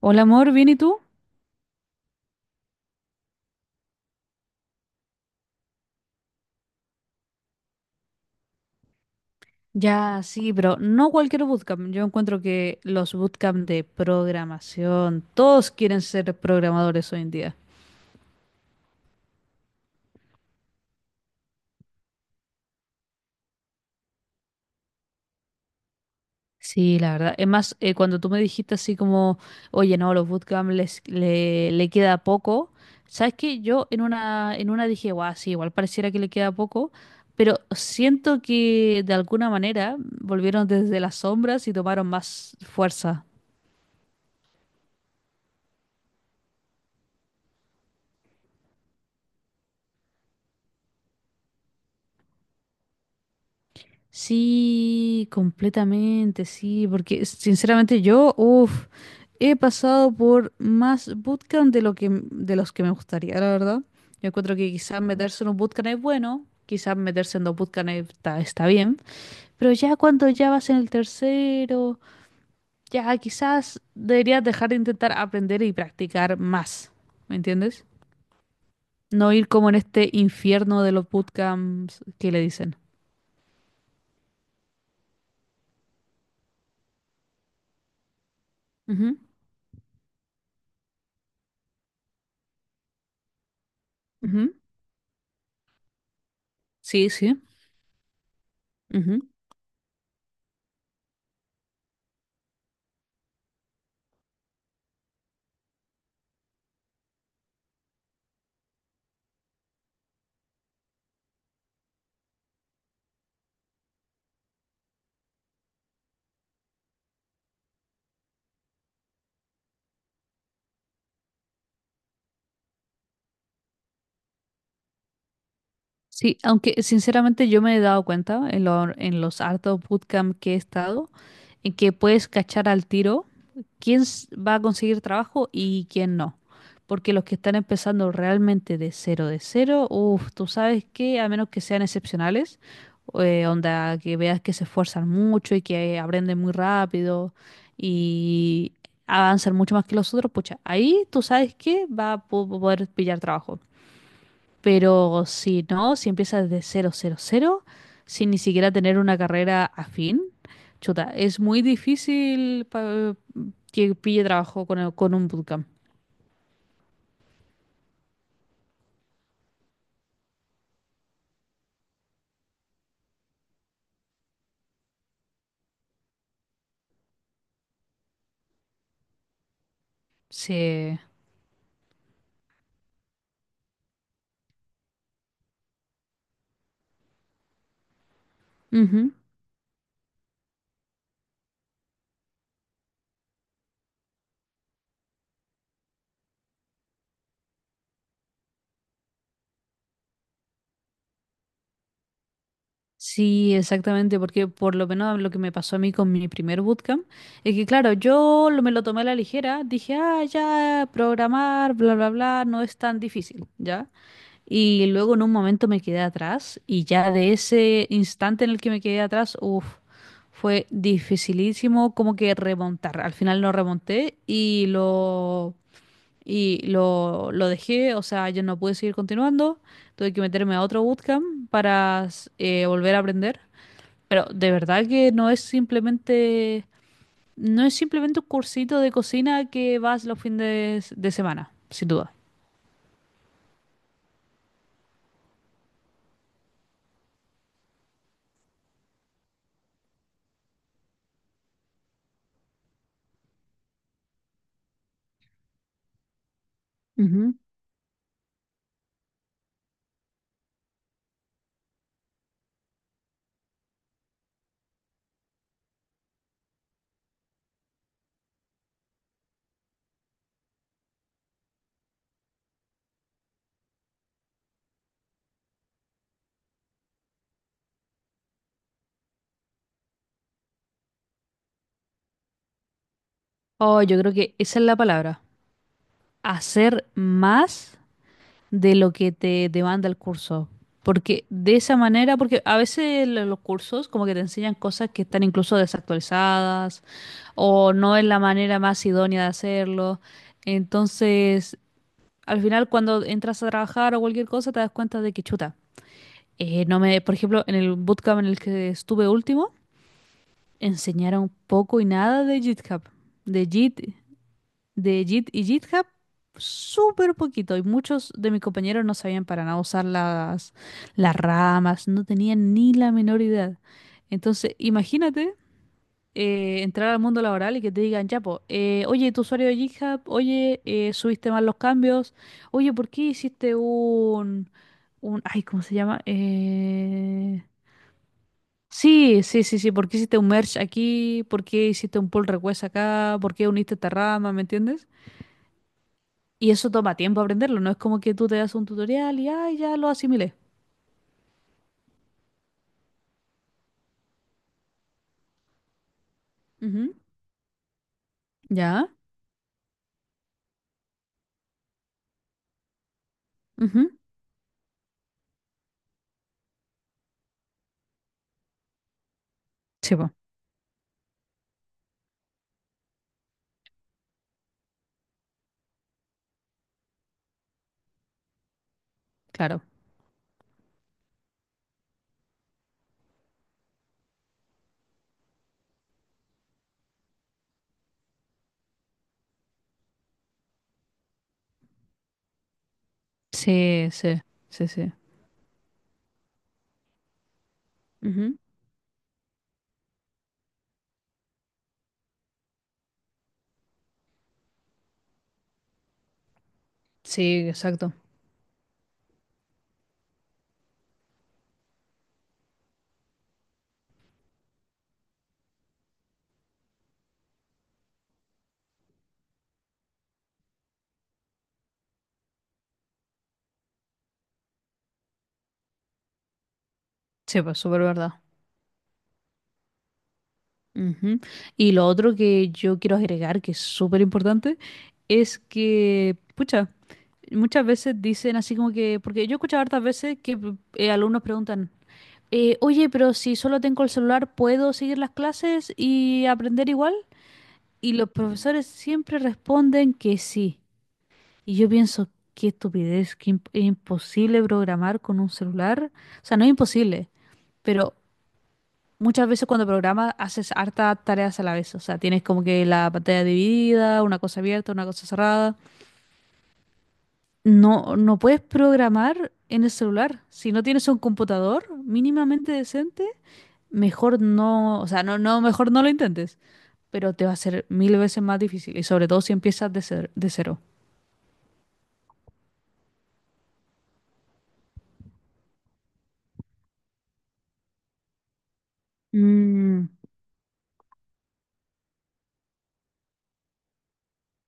Hola amor, ¿bien y tú? Ya, sí, pero no cualquier bootcamp. Yo encuentro que los bootcamp de programación, todos quieren ser programadores hoy en día. Sí, la verdad. Es más, cuando tú me dijiste así como, oye, no, los bootcamp le queda poco, ¿sabes qué? Yo en una dije, guau, sí, igual pareciera que le queda poco, pero siento que de alguna manera volvieron desde las sombras y tomaron más fuerza. Sí, completamente, sí, porque sinceramente yo, uff, he pasado por más bootcamp de los que me gustaría, la verdad. Yo encuentro que quizás meterse en un bootcamp es bueno, quizás meterse en dos bootcamps está bien, pero ya cuando ya vas en el tercero, ya quizás deberías dejar de intentar aprender y practicar más, ¿me entiendes? No ir como en este infierno de los bootcamps que le dicen. Ujú, ujú. Sí, sí. Sí, aunque sinceramente yo me he dado cuenta en los hartos bootcamp que he estado, en que puedes cachar al tiro quién va a conseguir trabajo y quién no. Porque los que están empezando realmente de cero, uff, tú sabes que a menos que sean excepcionales, onda, que veas que se esfuerzan mucho y que aprenden muy rápido y avanzan mucho más que los otros, pucha, ahí tú sabes que va a poder pillar trabajo. Pero si no, si empiezas de cero cero cero sin ni siquiera tener una carrera afín, chuta, es muy difícil que pille trabajo con un bootcamp. Sí. Ujú. Sí, exactamente, porque por lo menos lo que me pasó a mí con mi primer bootcamp es que, claro, yo me lo tomé a la ligera, dije, ah, ya, programar, bla, bla, bla, no es tan difícil, ¿ya? Y luego en un momento me quedé atrás y ya de ese instante en el que me quedé atrás, uff, fue dificilísimo como que remontar. Al final no remonté. Y lo dejé, o sea, yo no pude seguir continuando, tuve que meterme a otro bootcamp para volver a aprender. Pero de verdad que no es simplemente un cursito de cocina que vas los fines de semana, sin duda. Ujú. Oh, yo creo que esa es la palabra. Hacer más de lo que te demanda el curso. Porque de esa manera, porque a veces los cursos como que te enseñan cosas que están incluso desactualizadas o no es la manera más idónea de hacerlo. Entonces, al final cuando entras a trabajar o cualquier cosa te das cuenta de que chuta, no me, por ejemplo, en el bootcamp en el que estuve último, enseñaron poco y nada de GitHub, de Git de Git y GitHub, súper poquito. Y muchos de mis compañeros no sabían para nada usar las ramas, no tenían ni la menor idea. Entonces, imagínate entrar al mundo laboral y que te digan, ya, po, oye, tu usuario de GitHub, oye, subiste mal los cambios, oye, ¿por qué hiciste ay, ¿cómo se llama? Sí, sí, sí, sí. ¿Por qué hiciste un merge aquí? ¿Por qué hiciste un pull request acá? ¿Por qué uniste esta rama? ¿Me entiendes? Y eso toma tiempo aprenderlo, no es como que tú te das un tutorial y ay, ya lo asimilé. Ujú. Ya. Ujú. Sí, pues, claro. Sí, sí, sí, sí. Ujú. Sí, exacto. Sí, pues, súper verdad. Ujú. Y lo otro que yo quiero agregar, que es súper importante, es que, pucha, muchas veces dicen así como que, porque yo he escuchado hartas veces que alumnos preguntan, oye, pero si solo tengo el celular, ¿puedo seguir las clases y aprender igual? Y los profesores siempre responden que sí. Y yo pienso, qué estupidez, que es imposible programar con un celular. O sea, no es imposible, pero muchas veces cuando programas haces hartas tareas a la vez. O sea, tienes como que la pantalla dividida, una cosa abierta, una cosa cerrada. No, no puedes programar en el celular. Si no tienes un computador mínimamente decente, mejor no, o sea, no, no, mejor no lo intentes. Pero te va a ser mil veces más difícil y sobre todo si empiezas de cero. Mm,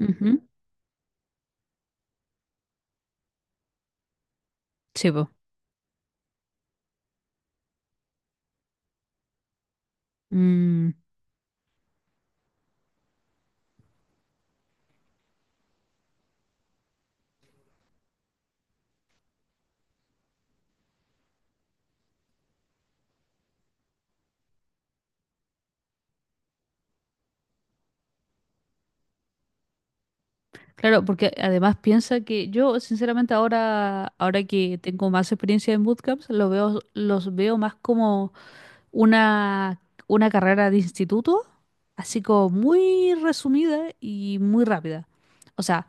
ujú. Sí, po. Mm, Claro, porque además piensa que yo, sinceramente, ahora que tengo más experiencia en bootcamps, los veo más como una, una carrera de instituto, así como muy resumida y muy rápida. O sea,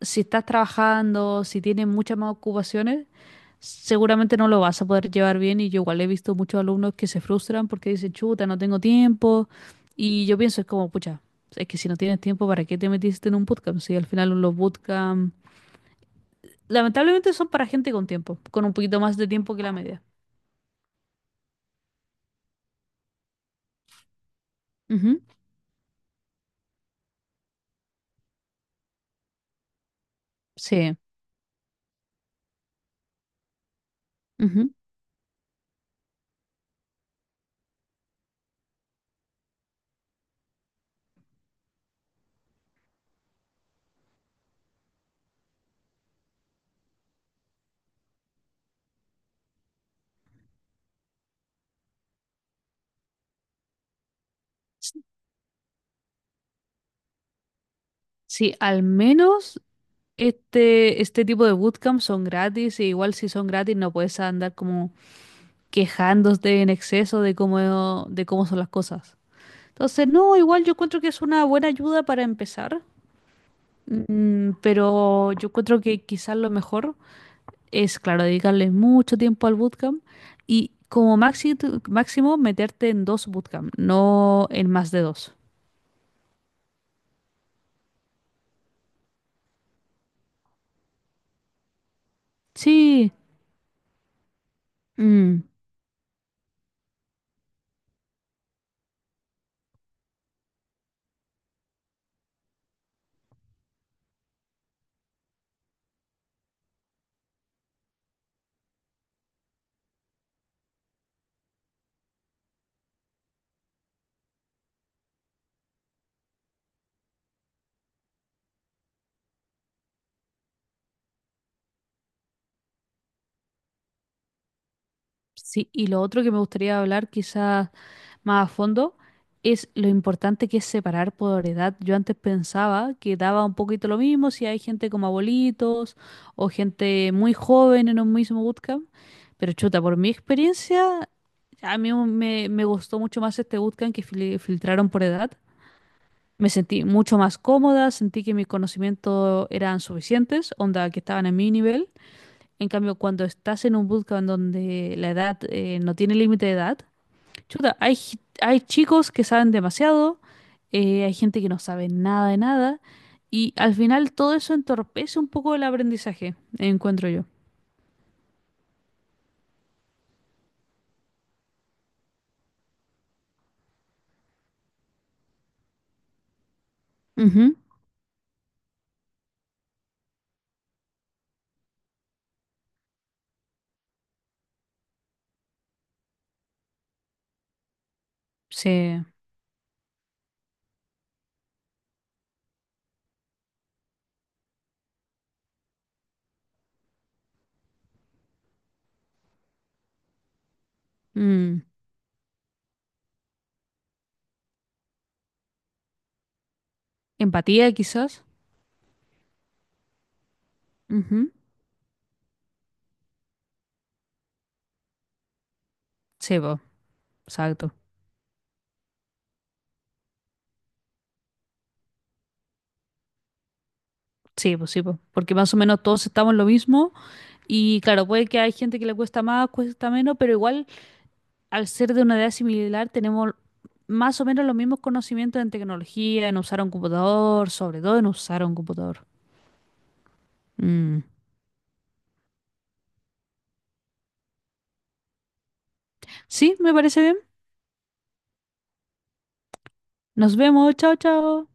si estás trabajando, si tienes muchas más ocupaciones, seguramente no lo vas a poder llevar bien. Y yo igual he visto muchos alumnos que se frustran porque dicen, chuta, no tengo tiempo. Y yo pienso, es como, pucha, es que si no tienes tiempo, ¿para qué te metiste en un bootcamp? Si al final los bootcamp, lamentablemente son para gente con tiempo, con un poquito más de tiempo que la media. Ujú. Sí. Ujú. S- Sí, al menos este tipo de bootcamp son gratis, e igual si son gratis no puedes andar como quejándose en exceso de cómo son las cosas. Entonces, no, igual yo encuentro que es una buena ayuda para empezar, pero yo encuentro que quizás lo mejor es, claro, dedicarle mucho tiempo al bootcamp y como máximo meterte en dos bootcamp, no en más de dos. Sí, mm. Sí, y lo otro que me gustaría hablar quizás más a fondo es lo importante que es separar por edad. Yo antes pensaba que daba un poquito lo mismo si hay gente como abuelitos o gente muy joven en un mismo bootcamp, pero chuta, por mi experiencia, a mí me gustó mucho más este bootcamp que filtraron por edad. Me sentí mucho más cómoda, sentí que mis conocimientos eran suficientes, onda que estaban a mi nivel. En cambio, cuando estás en un bootcamp donde la edad no tiene límite de edad, chuta, hay chicos que saben demasiado, hay gente que no sabe nada de nada, y al final todo eso entorpece un poco el aprendizaje, encuentro yo. Ujú. Sí. Mm, Empatía, quizás. Ujú. Sí, po, exacto. Sí, pues sí, po. Porque más o menos todos estamos en lo mismo, y claro, puede que hay gente que le cuesta más, cuesta menos, pero igual, al ser de una edad similar, tenemos más o menos los mismos conocimientos en tecnología, en usar un computador, sobre todo en usar un computador. Mm. Sí, me parece bien. Nos vemos. Chao, chao.